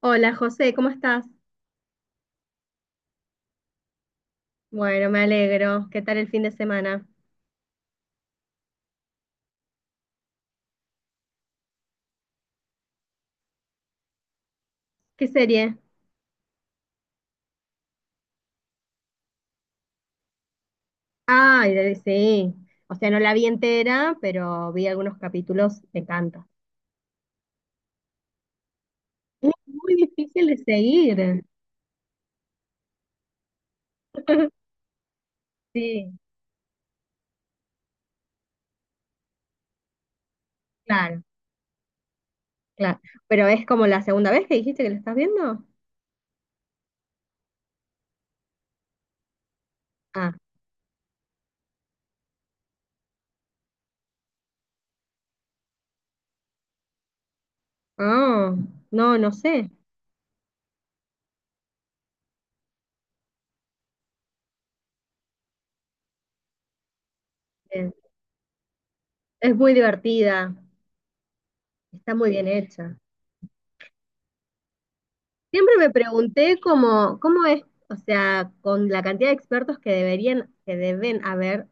Hola José, ¿cómo estás? Bueno, me alegro. ¿Qué tal el fin de semana? ¿Qué serie? Ay, sí. O sea, no la vi entera, pero vi algunos capítulos. Me encanta. Es muy difícil de seguir. Sí, claro, claro. Pero es como la segunda vez que dijiste que la estás viendo. Ah, ah, no, no sé. Eh, Es muy divertida. Está muy bien hecha. Siempre me pregunté cómo es, o sea, con la cantidad de expertos que deberían, que deben haber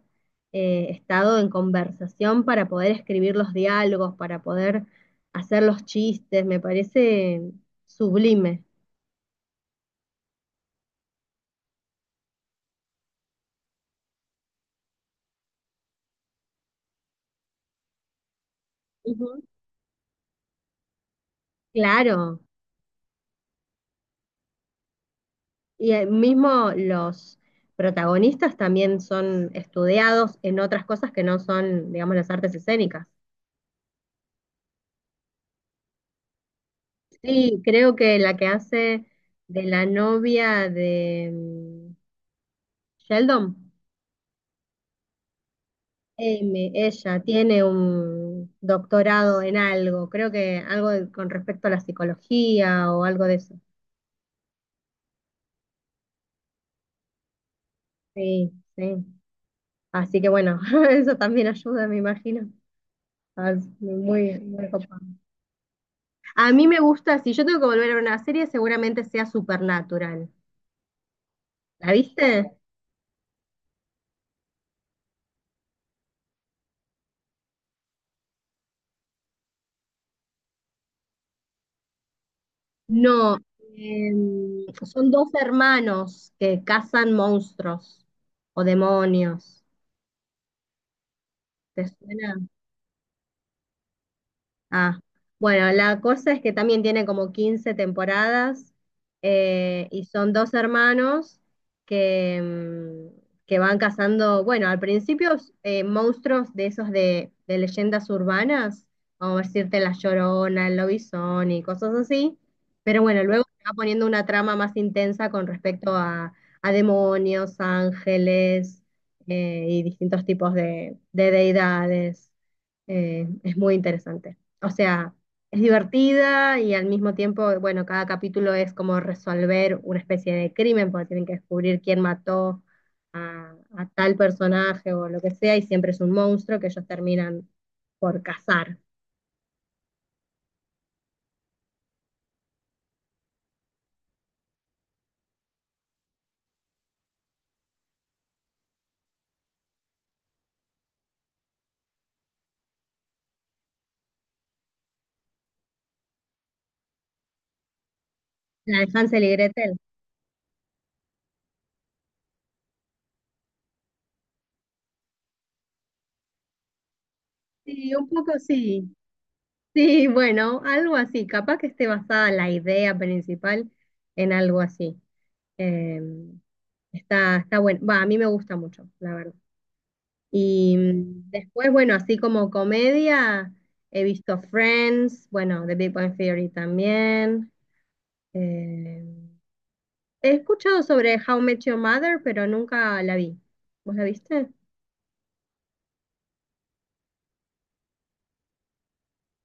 estado en conversación para poder escribir los diálogos, para poder hacer los chistes, me parece sublime. Ujú. Claro, y mismo los protagonistas también son estudiados en otras cosas que no son, digamos, las artes escénicas. Sí, creo que la que hace de la novia de Sheldon, ella tiene un doctorado en algo, creo que algo con respecto a la psicología o algo de eso. Sí, sí. Así que bueno, eso también ayuda, me imagino. Ah, es muy, muy copado. A mí me gusta, si yo tengo que volver a ver una serie, seguramente sea Supernatural. ¿La viste? No, son dos hermanos que cazan monstruos o demonios. ¿Te suena? Ah, bueno, la cosa es que también tiene como 15 temporadas, y son dos hermanos que van cazando, bueno, al principio monstruos de esos de leyendas urbanas, como decirte La Llorona, el Lobizón y cosas así, pero bueno, luego se va poniendo una trama más intensa con respecto a demonios, ángeles, y distintos tipos de deidades. Es muy interesante, o sea, es divertida y al mismo tiempo, bueno, cada capítulo es como resolver una especie de crimen, porque tienen que descubrir quién mató a tal personaje o lo que sea, y siempre es un monstruo que ellos terminan por cazar. La de Hansel y Gretel. Sí, un poco sí. Sí, bueno, algo así. Capaz que esté basada la idea principal en algo así. Eh, está bueno. Va, a mí me gusta mucho, la verdad. Y después, bueno, así como comedia, he visto Friends, bueno, The Big Bang Theory también. Eh, He escuchado sobre How I Met Your Mother, pero nunca la vi. ¿Vos la viste?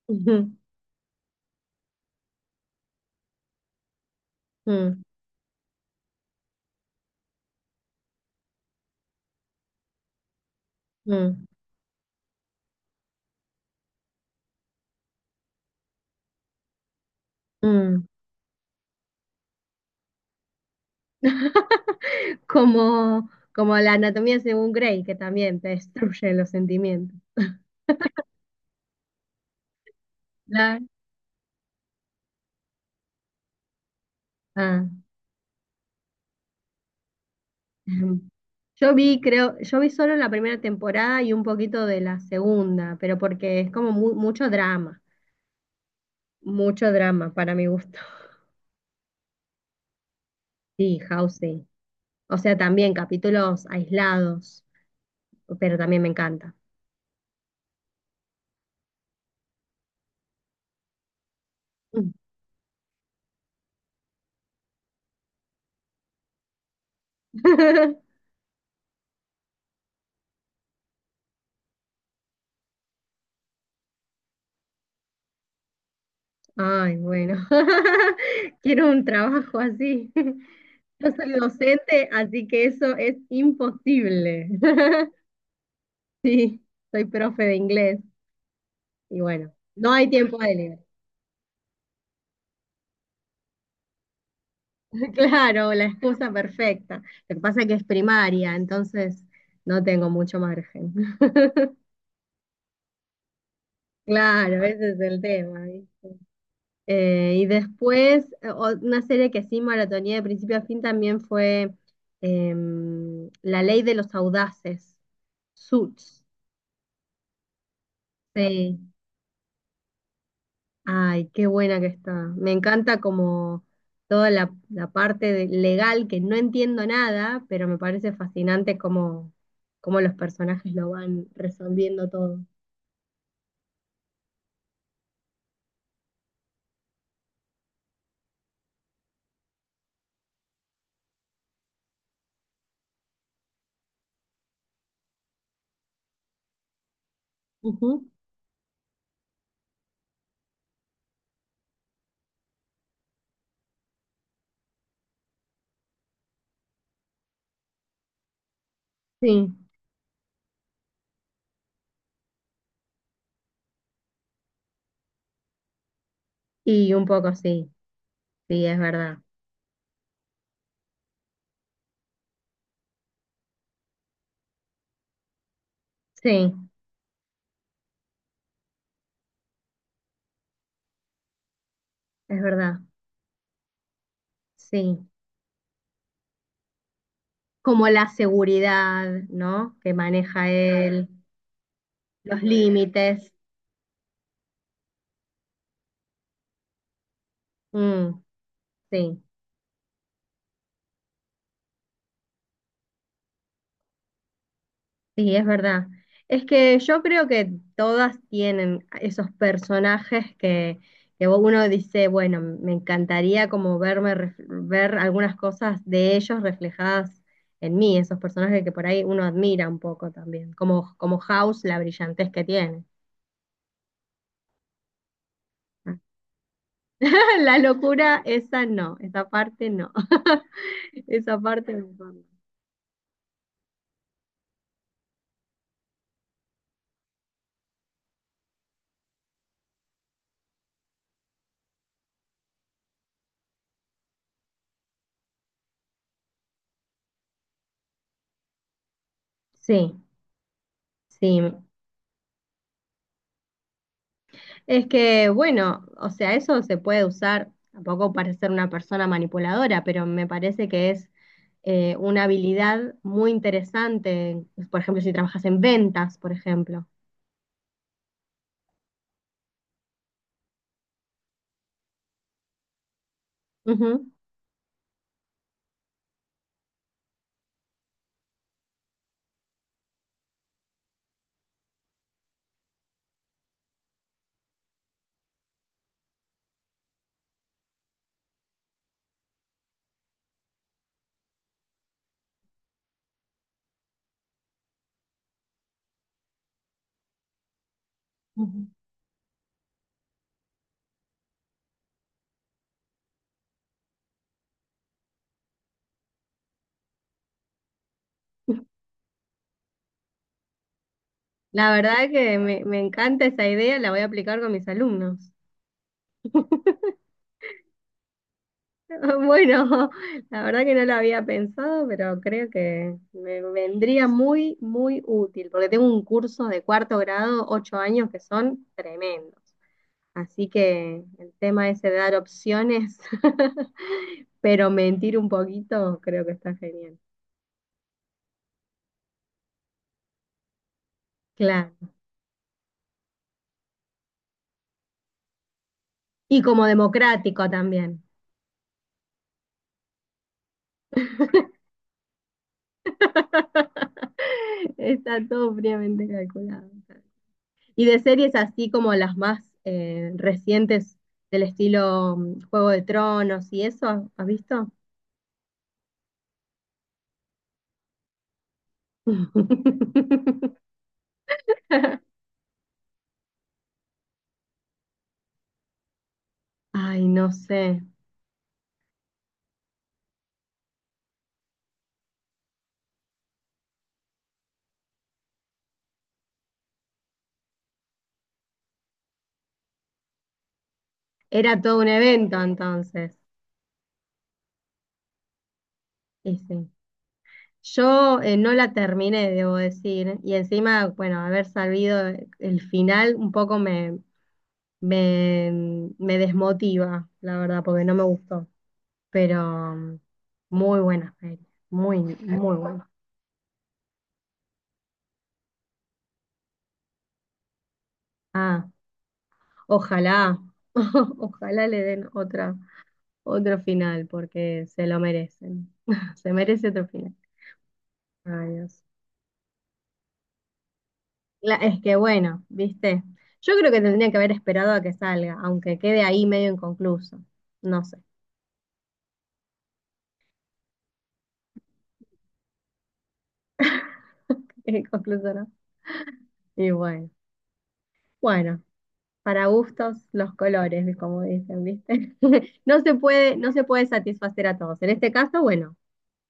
Ujú. Mm, mm, mm. Como la anatomía según Grey, que también te destruye los sentimientos. Claro. Ah. Ujú. Yo vi, creo, yo vi solo la primera temporada y un poquito de la segunda, pero porque es como mucho drama para mi gusto. Sí, House, sí. O sea, también capítulos aislados, pero también me encanta. Mm. Ay, bueno. Quiero un trabajo así. Yo soy docente, así que eso es imposible. Sí, soy profe de inglés y bueno, no hay tiempo de leer. Claro, la excusa perfecta. Lo que pasa es que es primaria, entonces no tengo mucho margen. Claro, ese es el tema, ¿viste? Y después, una serie que sí maratoneé de principio a fin también fue La Ley de los Audaces, Suits. Sí. Ay, qué buena que está. Me encanta como toda la parte legal, que no entiendo nada, pero me parece fascinante cómo los personajes lo van resolviendo todo. Ujú. Sí, y un poco sí, sí, es verdad. Sí, es verdad, sí. Como la seguridad, ¿no? Que maneja él, los límites. Mm, sí, sí, es verdad. Es que yo creo que todas tienen esos personajes que uno dice, bueno, me encantaría como verme, ver algunas cosas de ellos reflejadas en mí, esos personajes que por ahí uno admira un poco también, como House, la brillantez que tiene. La locura, esa no, esa parte no. Esa parte no. Sí, sí. Es que, bueno, o sea, eso se puede usar tampoco para ser una persona manipuladora, pero me parece que es una habilidad muy interesante, pues, por ejemplo, si trabajas en ventas, por ejemplo. Ujú. Ujú. La verdad que me encanta esa idea, la voy a aplicar con mis alumnos. Bueno, la verdad que no lo había pensado, pero creo que me vendría muy, muy útil, porque tengo un curso de cuarto grado, 8 años, que son tremendos. Así que el tema ese de dar opciones, pero mentir un poquito, creo que está genial. Claro. Y como democrático también. Está todo fríamente calculado. Y de series así como las más recientes, del estilo Juego de Tronos y eso, ¿has visto? Ay, no sé. Era todo un evento entonces. Y sí. Yo no la terminé, debo decir, y encima, bueno, haber sabido el final un poco me, me desmotiva, la verdad, porque no me gustó, pero muy buena feria, muy, muy buena. Ah, ojalá, ojalá le den otra, otro final, porque se lo merecen, se merece otro final. Ay, Dios. Es que bueno, viste, yo creo que tendría que haber esperado a que salga, aunque quede ahí medio inconcluso. No sé, inconcluso no. Y bueno, bueno, para gustos los colores, como dicen, viste. No se puede, no se puede satisfacer a todos. En este caso, bueno,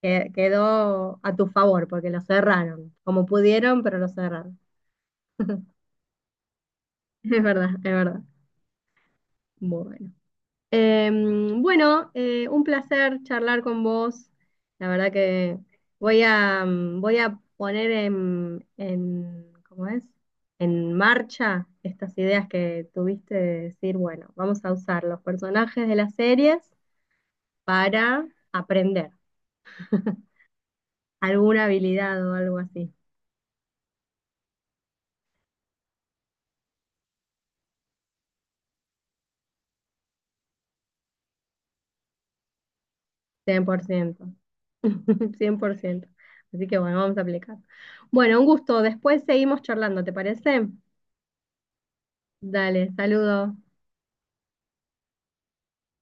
quedó a tu favor porque lo cerraron, como pudieron, pero lo cerraron. Es verdad, es verdad. Bueno. Bueno, un placer charlar con vos. La verdad que voy a poner ¿cómo es? En marcha estas ideas que tuviste de decir, bueno, vamos a usar los personajes de las series para aprender alguna habilidad o algo así. Cien por ciento, 100%. Así que bueno, vamos a aplicar. Bueno, un gusto. Después seguimos charlando, ¿te parece? Dale, saludos.